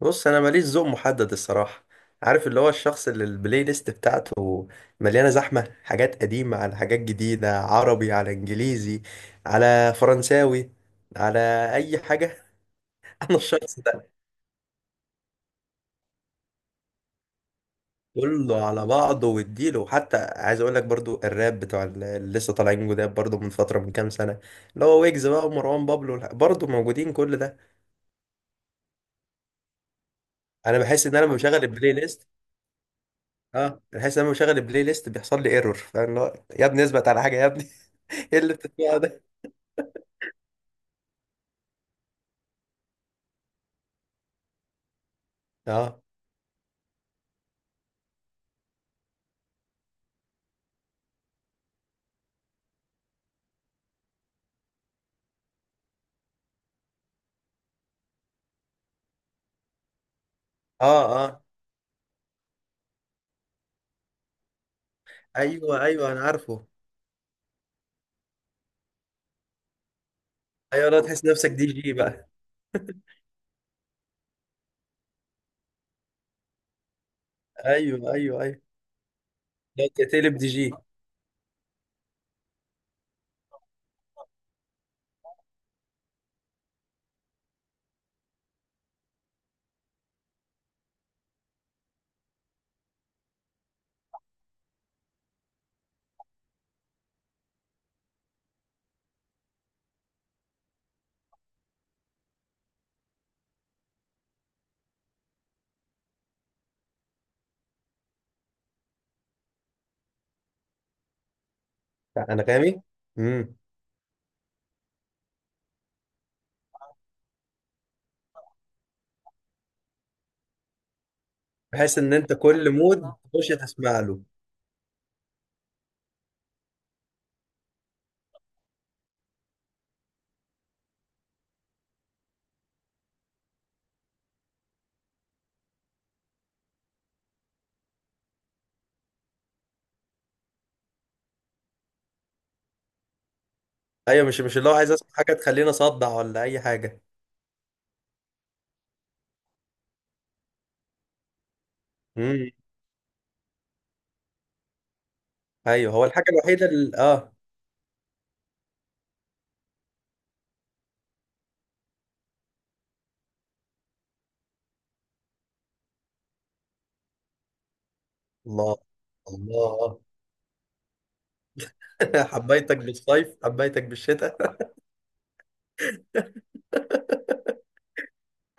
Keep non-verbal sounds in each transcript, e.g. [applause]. بص انا ماليش ذوق محدد الصراحه. عارف اللي هو الشخص اللي البلاي ليست بتاعته مليانه زحمه، حاجات قديمه على حاجات جديده، عربي على انجليزي على فرنساوي على اي حاجه. [laughs] انا الشخص ده، كله على بعضه واديله. وحتى عايز اقول لك برضو الراب بتوع اللي لسه طالعين جداد برضو من فتره، من كام سنه، اللي هو ويجز بقى ومروان بابلو برضو موجودين، كل ده. انا بحس ان انا لما بشغل البلاي ليست، اه، بحس ان انا لما بشغل البلاي ليست بيحصل لي ايرور، فاهم؟ اللي هو يا ابني اثبت على حاجه يا ابني. ايه اللي بتسمعه ده؟ اه، اه، اه. ايوه ايوه، انا عارفه. ايوه، لا تحس نفسك دي جي بقى. ايوه ايوه ايوه. لا تقلب دي جي. انغامي. امم بحيث ان انت كل مود تخش تسمع له. ايوه، مش اللي هو عايز اسمع حاجه تخليني اصدع ولا اي حاجه. امم ايوه، هو الحاجه الوحيده اللي اه. الله، الله. [laughs] حبيتك بالصيف حبيتك بالشتاء.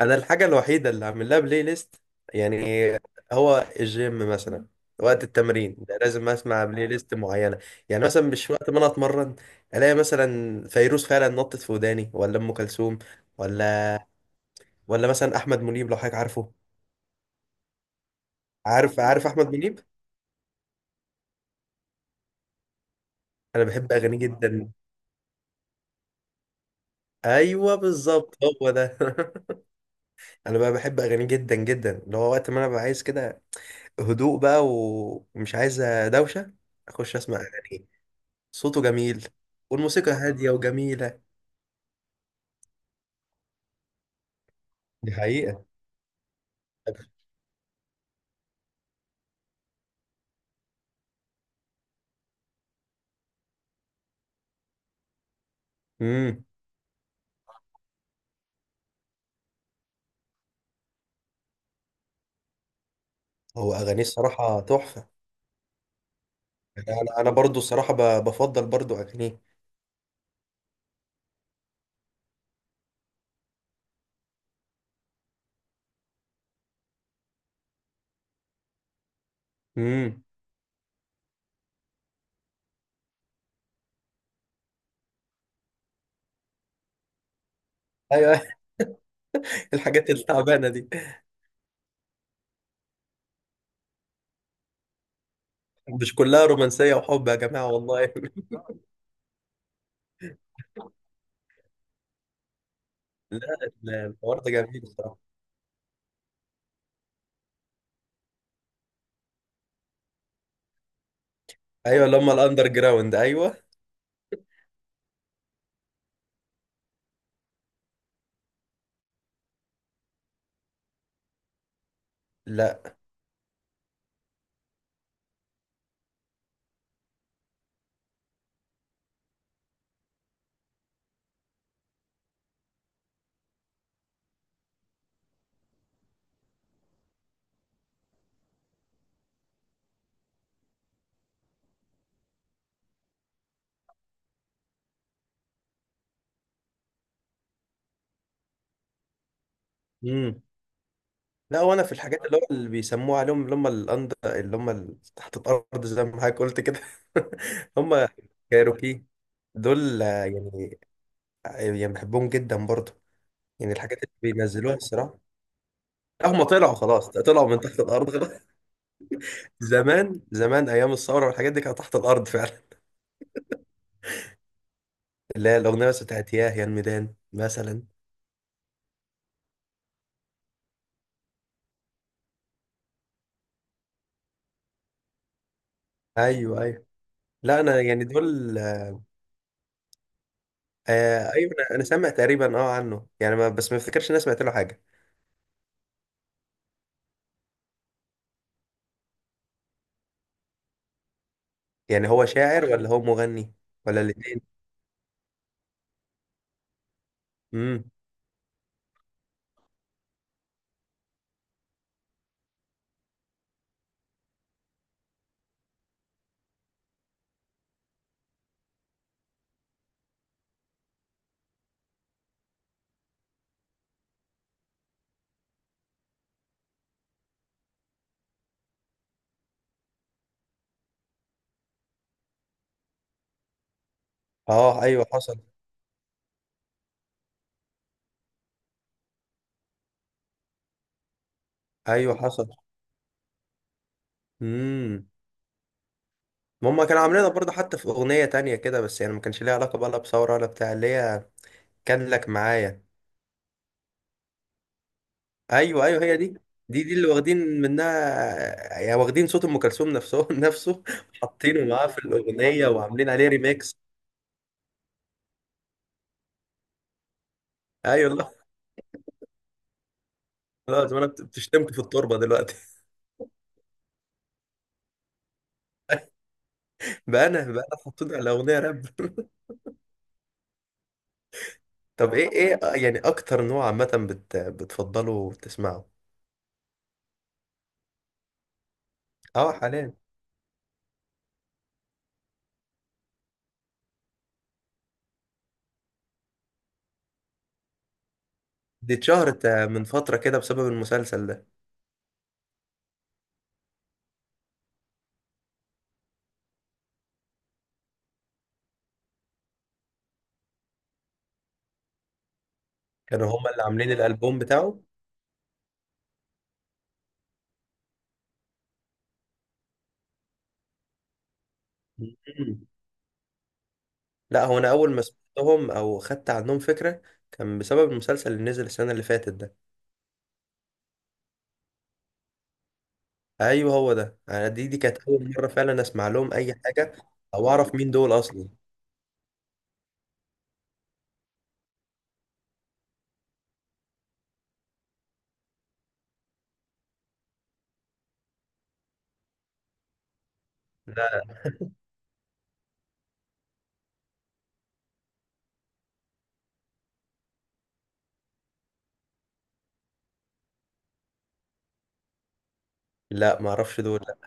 انا الحاجه الوحيده اللي عامل لها بلاي ليست، يعني، هو الجيم مثلا، وقت التمرين ده لازم اسمع بلاي ليست معينه. يعني مثلا مش وقت ما انا اتمرن الاقي مثلا فيروز فعلا نطت في وداني، ولا ام كلثوم، ولا ولا مثلا احمد منيب، لو حضرتك عارفه. عارف عارف احمد منيب. انا بحب اغانيه جدا. ايوه بالظبط، هو ده. [laughs] انا بقى بحب اغانيه جدا جدا، اللي هو وقت ما انا ببقى عايز كده هدوء بقى ومش عايز دوشه، اخش اسمع اغانيه. صوته جميل والموسيقى هادية وجميلة. دي حقيقة. امم هو أغانيه الصراحة تحفة. أنا أنا أنا برضه الصراحة بفضل برضه أغانيه. امم أيوه، أيوة. [laughs] الحاجات التعبانة دي مش كلها رومانسية وحب يا جماعة، والله. [laughs] لا، لا، الحوار ده جميل الصراحة. أيوه، اللي هم الأندر جراوند، أيوه. لا. امم لا، وأنا في الحاجات اللي هو اللي بيسموها عليهم، اللي هم الأندر، اللي هم تحت الأرض زي ما حضرتك قلت كده. [laughs] هم كايروكي دول يعني، يعني بحبهم جدا برضه. يعني الحاجات اللي بينزلوها الصراحه، لا هم طلعوا خلاص، طلعوا من تحت الارض خلاص. [laughs] زمان زمان ايام الثوره والحاجات دي كانت تحت الارض فعلا. [laughs] اللي هي الاغنيه بس بتاعت ياه يا الميدان مثلا. ايوه ايوه. لا انا يعني دول. آه ايوه، انا أنا سامع تقريبا اه عنه، يعني ما بس ما افتكرش ان انا سمعت له حاجه. يعني هو شاعر ولا هو مغني ولا الاثنين؟ امم اه ايوه، حصل. ايوه حصل. امم ما هم كانوا عاملينها برضه حتى في اغنيه تانية كده، بس يعني ما كانش ليها علاقه بقى لا بثوره ولا بتاع، اللي هي كان لك معايا. ايوه ايوه، هي دي. دي اللي واخدين منها، يعني واخدين صوت ام كلثوم نفسه [laughs] نفسه، حاطينه معاه في الاغنيه وعاملين عليه ريميكس. ايوه والله. خلاص انا بتشتمك في التربه دلوقتي. [laughs] بقى انا، بقى انا حاطين على اغنيه راب. [laughs] طب ايه آه، يعني اكتر نوع عامه بت بتفضله وتسمعه. اه حاليا. دي اتشهرت آه، من فتره كده بسبب المسلسل ده. كانوا هما اللي عاملين الالبوم بتاعه. لا، هو انا اول ما سمعتهم او خدت عنهم فكره كان بسبب المسلسل اللي نزل السنه اللي فاتت ده. ايوه هو ده، انا دي كانت اول مره فعلا اسمع لهم اي حاجه او اعرف مين دول اصلا. لا لا، ما اعرفش دول لا.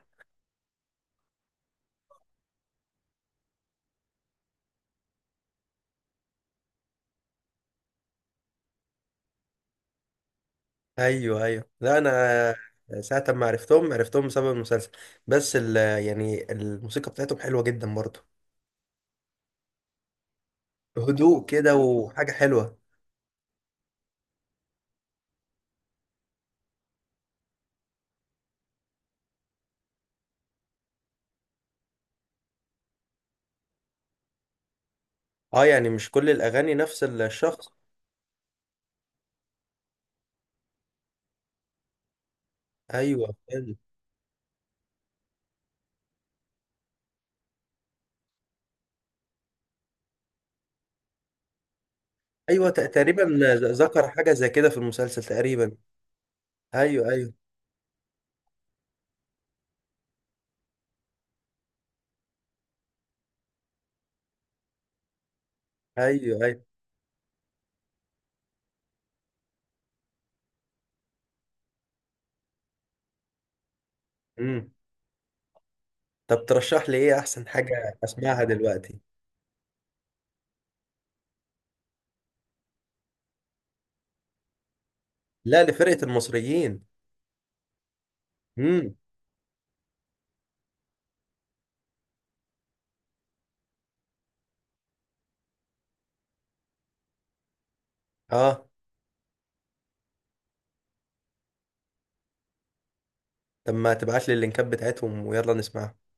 ايوه ايوه. لا انا ساعه ما عرفتهم، عرفتهم بسبب المسلسل، بس ال، يعني الموسيقى بتاعتهم حلوه جدا برضه، هدوء كده وحاجه حلوه. اه، يعني مش كل الاغاني نفس الشخص. ايوه فاهم. ايوه، تقريبا ذكر حاجه زي كده في المسلسل تقريبا. ايوه ايوه ايوه ايوه. امم طب ترشح لي ايه احسن حاجه اسمعها دلوقتي؟ لا لفرقه المصريين. امم اه طب ما تبعت لي اللينكات بتاعتهم ويلا نسمعها.